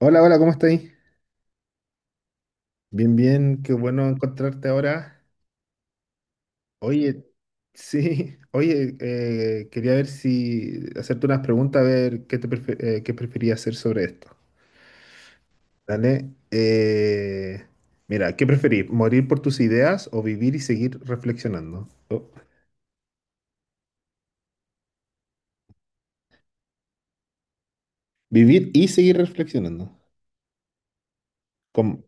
Hola, hola, ¿cómo estáis? Bien, bien, qué bueno encontrarte ahora. Oye, sí, oye, quería ver si hacerte unas preguntas, a ver qué preferías hacer sobre esto. Dale. Mira, ¿qué preferís? ¿Morir por tus ideas o vivir y seguir reflexionando? Oh, vivir y seguir reflexionando. Como-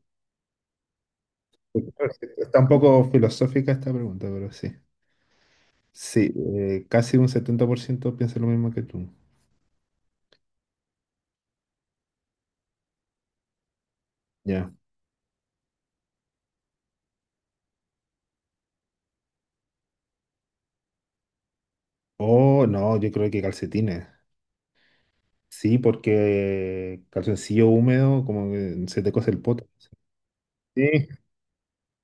Está un poco filosófica esta pregunta, pero sí. Sí, casi un 70% piensa lo mismo que tú. Ya. Oh, no, yo creo que calcetines. Sí, porque calzoncillo húmedo, como que se te cose el poto. Sí,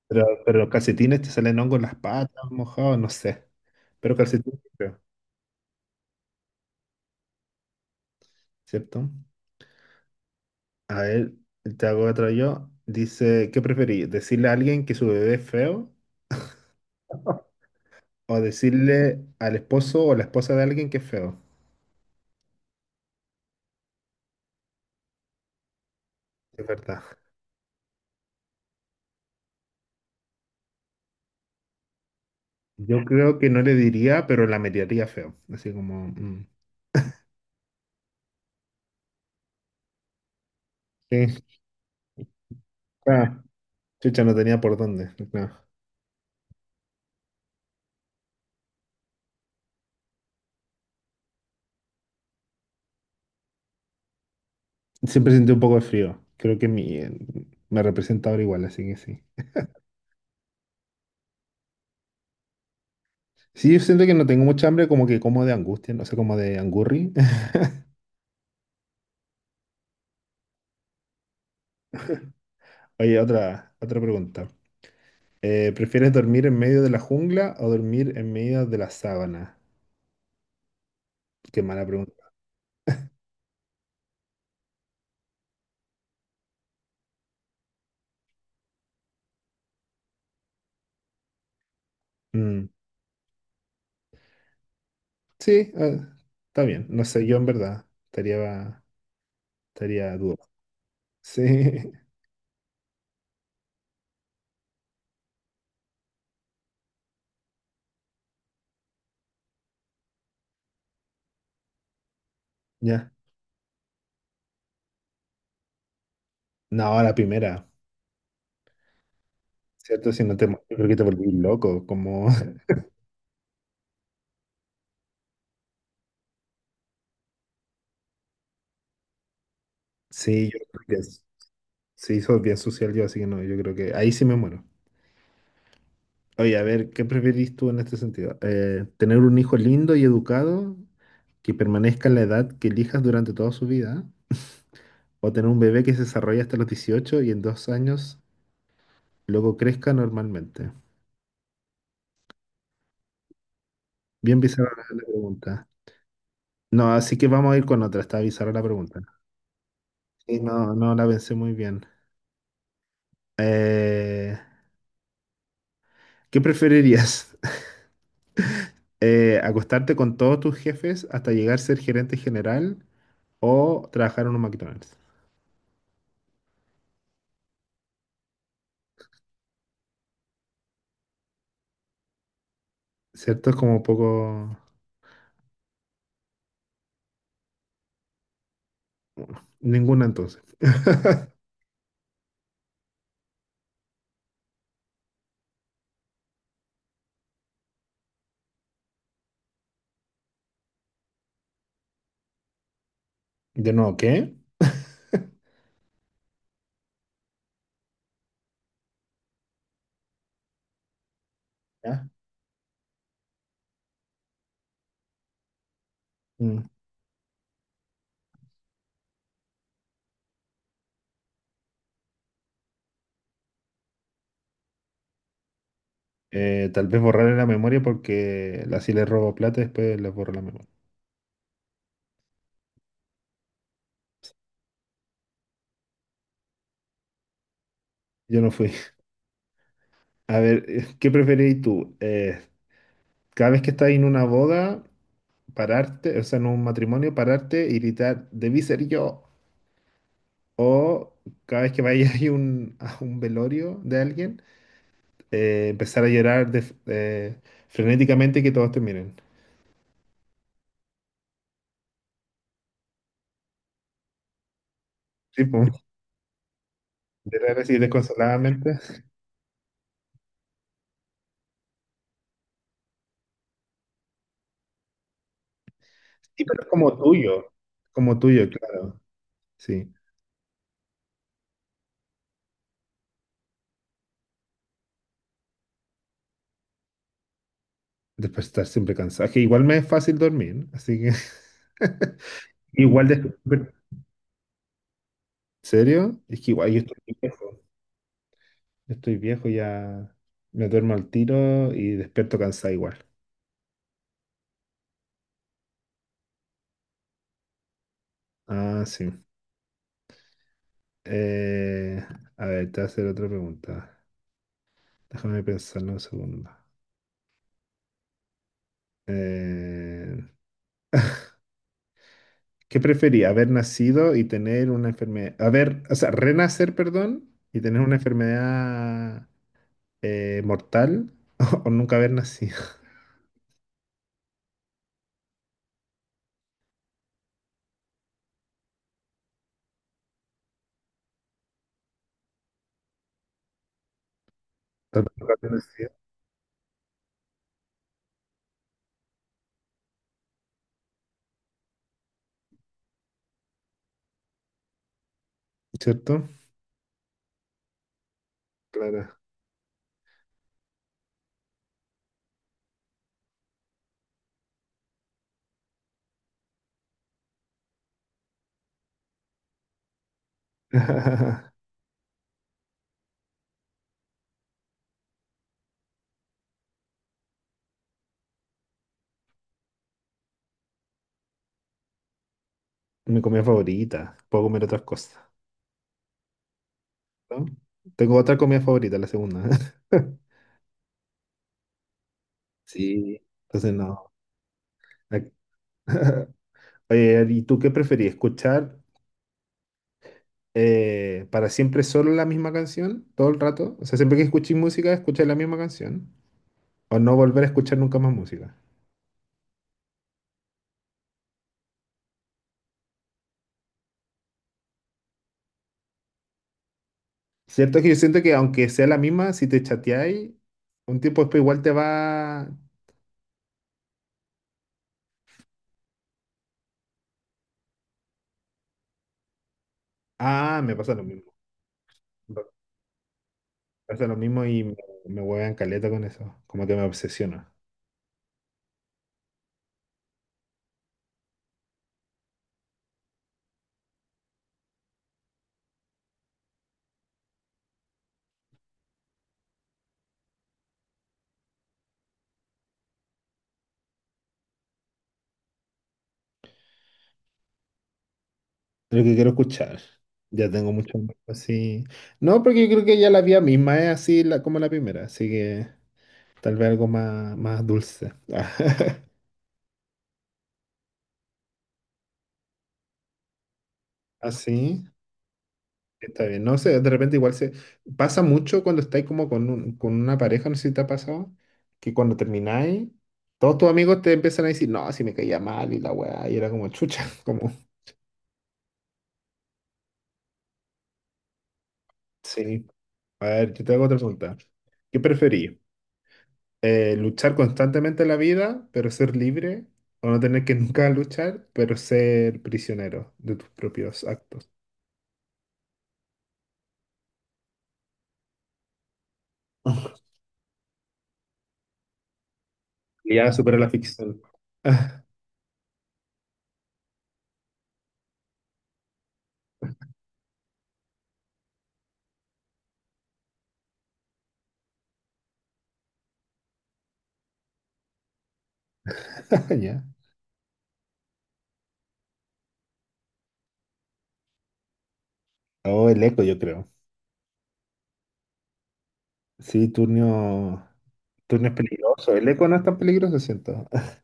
pero los calcetines te salen hongos en las patas, mojados, no sé. Pero calcetines, sí creo, ¿cierto? A ver, te hago otra yo. Dice, ¿qué preferís? ¿Decirle a alguien que su bebé es feo o decirle al esposo o la esposa de alguien que es feo? Es verdad. Yo creo que no le diría, pero la miraría feo. Así como, mm, sí, ah, chucha, no tenía por dónde. No. Siempre sentí un poco de frío. Creo que me representa ahora igual, así que sí. Sí, yo siento que no tengo mucha hambre, como que como de angustia, no sé, como de angurri. Oye, otra pregunta. ¿Prefieres dormir en medio de la jungla o dormir en medio de la sábana? Qué mala pregunta. Mm, sí, está bien. No sé, yo en verdad estaría, estaría dudoso. Sí, ya. No, la primera, ¿cierto? Si no te, yo creo que te volví loco, como... Sí, yo creo que. Sí, soy bien social yo, así que no, yo creo que ahí sí me muero. Oye, a ver, ¿qué preferís tú en este sentido? ¿Tener un hijo lindo y educado que permanezca en la edad que elijas durante toda su vida? ¿O tener un bebé que se desarrolla hasta los 18 y en 2 años luego crezca normalmente? Bien bizarra la pregunta. No, así que vamos a ir con otra, está bizarra la pregunta. Sí, no, no la pensé muy bien. Eh, ¿Qué preferirías? ¿Acostarte con todos tus jefes hasta llegar a ser gerente general? O trabajar en un McDonald's. ¿Cierto? Es como poco... Ninguna entonces. De nuevo, ¿qué? ¿Ya? Mm. Tal vez borrarle la memoria porque así le robo plata y después les borro la memoria. Yo no fui. A ver, ¿qué preferís tú? Cada vez que estás en una boda, pararte, o sea, en un matrimonio, pararte y gritar, debí ser yo. O cada vez que vayas a a un velorio de alguien, empezar a llorar frenéticamente y que todos te miren. Sí, po. De rara, sí, desconsoladamente. Sí, pero es como tuyo. Como tuyo, claro. Sí. Después de estar siempre cansado. Que igual me es fácil dormir, ¿no? Así que. Igual de. ¿En serio? Es que igual yo estoy viejo. Yo estoy viejo, ya me duermo al tiro y despierto cansado igual. Ah, sí. Eh, a ver, te voy a hacer otra pregunta. Déjame pensarlo un segundo. Eh, ¿Qué prefería? ¿Haber nacido y tener una enfermedad? Haber, o sea, renacer, perdón, y tener una enfermedad mortal o nunca haber nacido. Nunca haber nacido. ¿Cierto? Claro. Mi comida favorita. Puedo comer otras cosas, ¿no? Tengo otra comida favorita, la segunda. Sí. Entonces no. Ac- Oye, ¿y tú qué preferís? ¿Escuchar para siempre solo la misma canción todo el rato? O sea, siempre que escuches música, escuchas la misma canción. O no volver a escuchar nunca más música. Cierto que yo siento que aunque sea la misma, si te chateáis, un tiempo después igual te va... Ah, me pasa lo mismo. Me pasa lo mismo y me huevean caleta con eso. Como que me obsesiona. Lo que quiero escuchar. Ya tengo mucho más así. No, porque yo creo que ya la vía misma es así como la primera. Así que tal vez algo más, más dulce. Así. Está bien, no sé, de repente igual se pasa mucho cuando estáis como con una pareja, no sé si te ha pasado, que cuando termináis, todos tus amigos te empiezan a decir, no, si me caía mal y la weá, y era como chucha, como, sí. A ver, yo te hago otra pregunta. ¿Qué preferís? ¿Luchar constantemente en la vida, pero ser libre? ¿O no tener que nunca luchar, pero ser prisionero de tus propios actos? Ya supera la ficción. Ya. Oh, el eco, yo creo. Sí, turno. Turnio es peligroso. El eco no es tan peligroso, siento.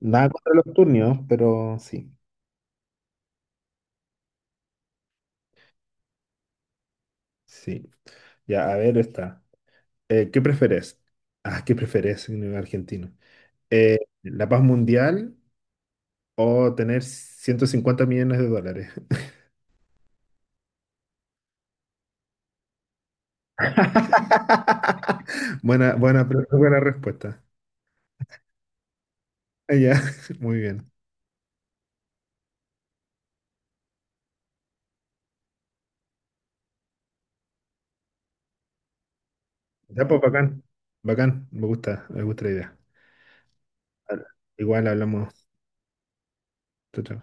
Nada contra los turnios, pero sí. Sí. Ya, a ver, está. ¿Qué prefieres? Ah, ¿qué prefieres en el argentino? ¿La paz mundial o tener 150 millones de dólares? Buena, buena, buena respuesta. Ah, ya, muy bien. Ya, pues bacán. Bacán, me gusta la idea. Igual hablamos. Chao, chao.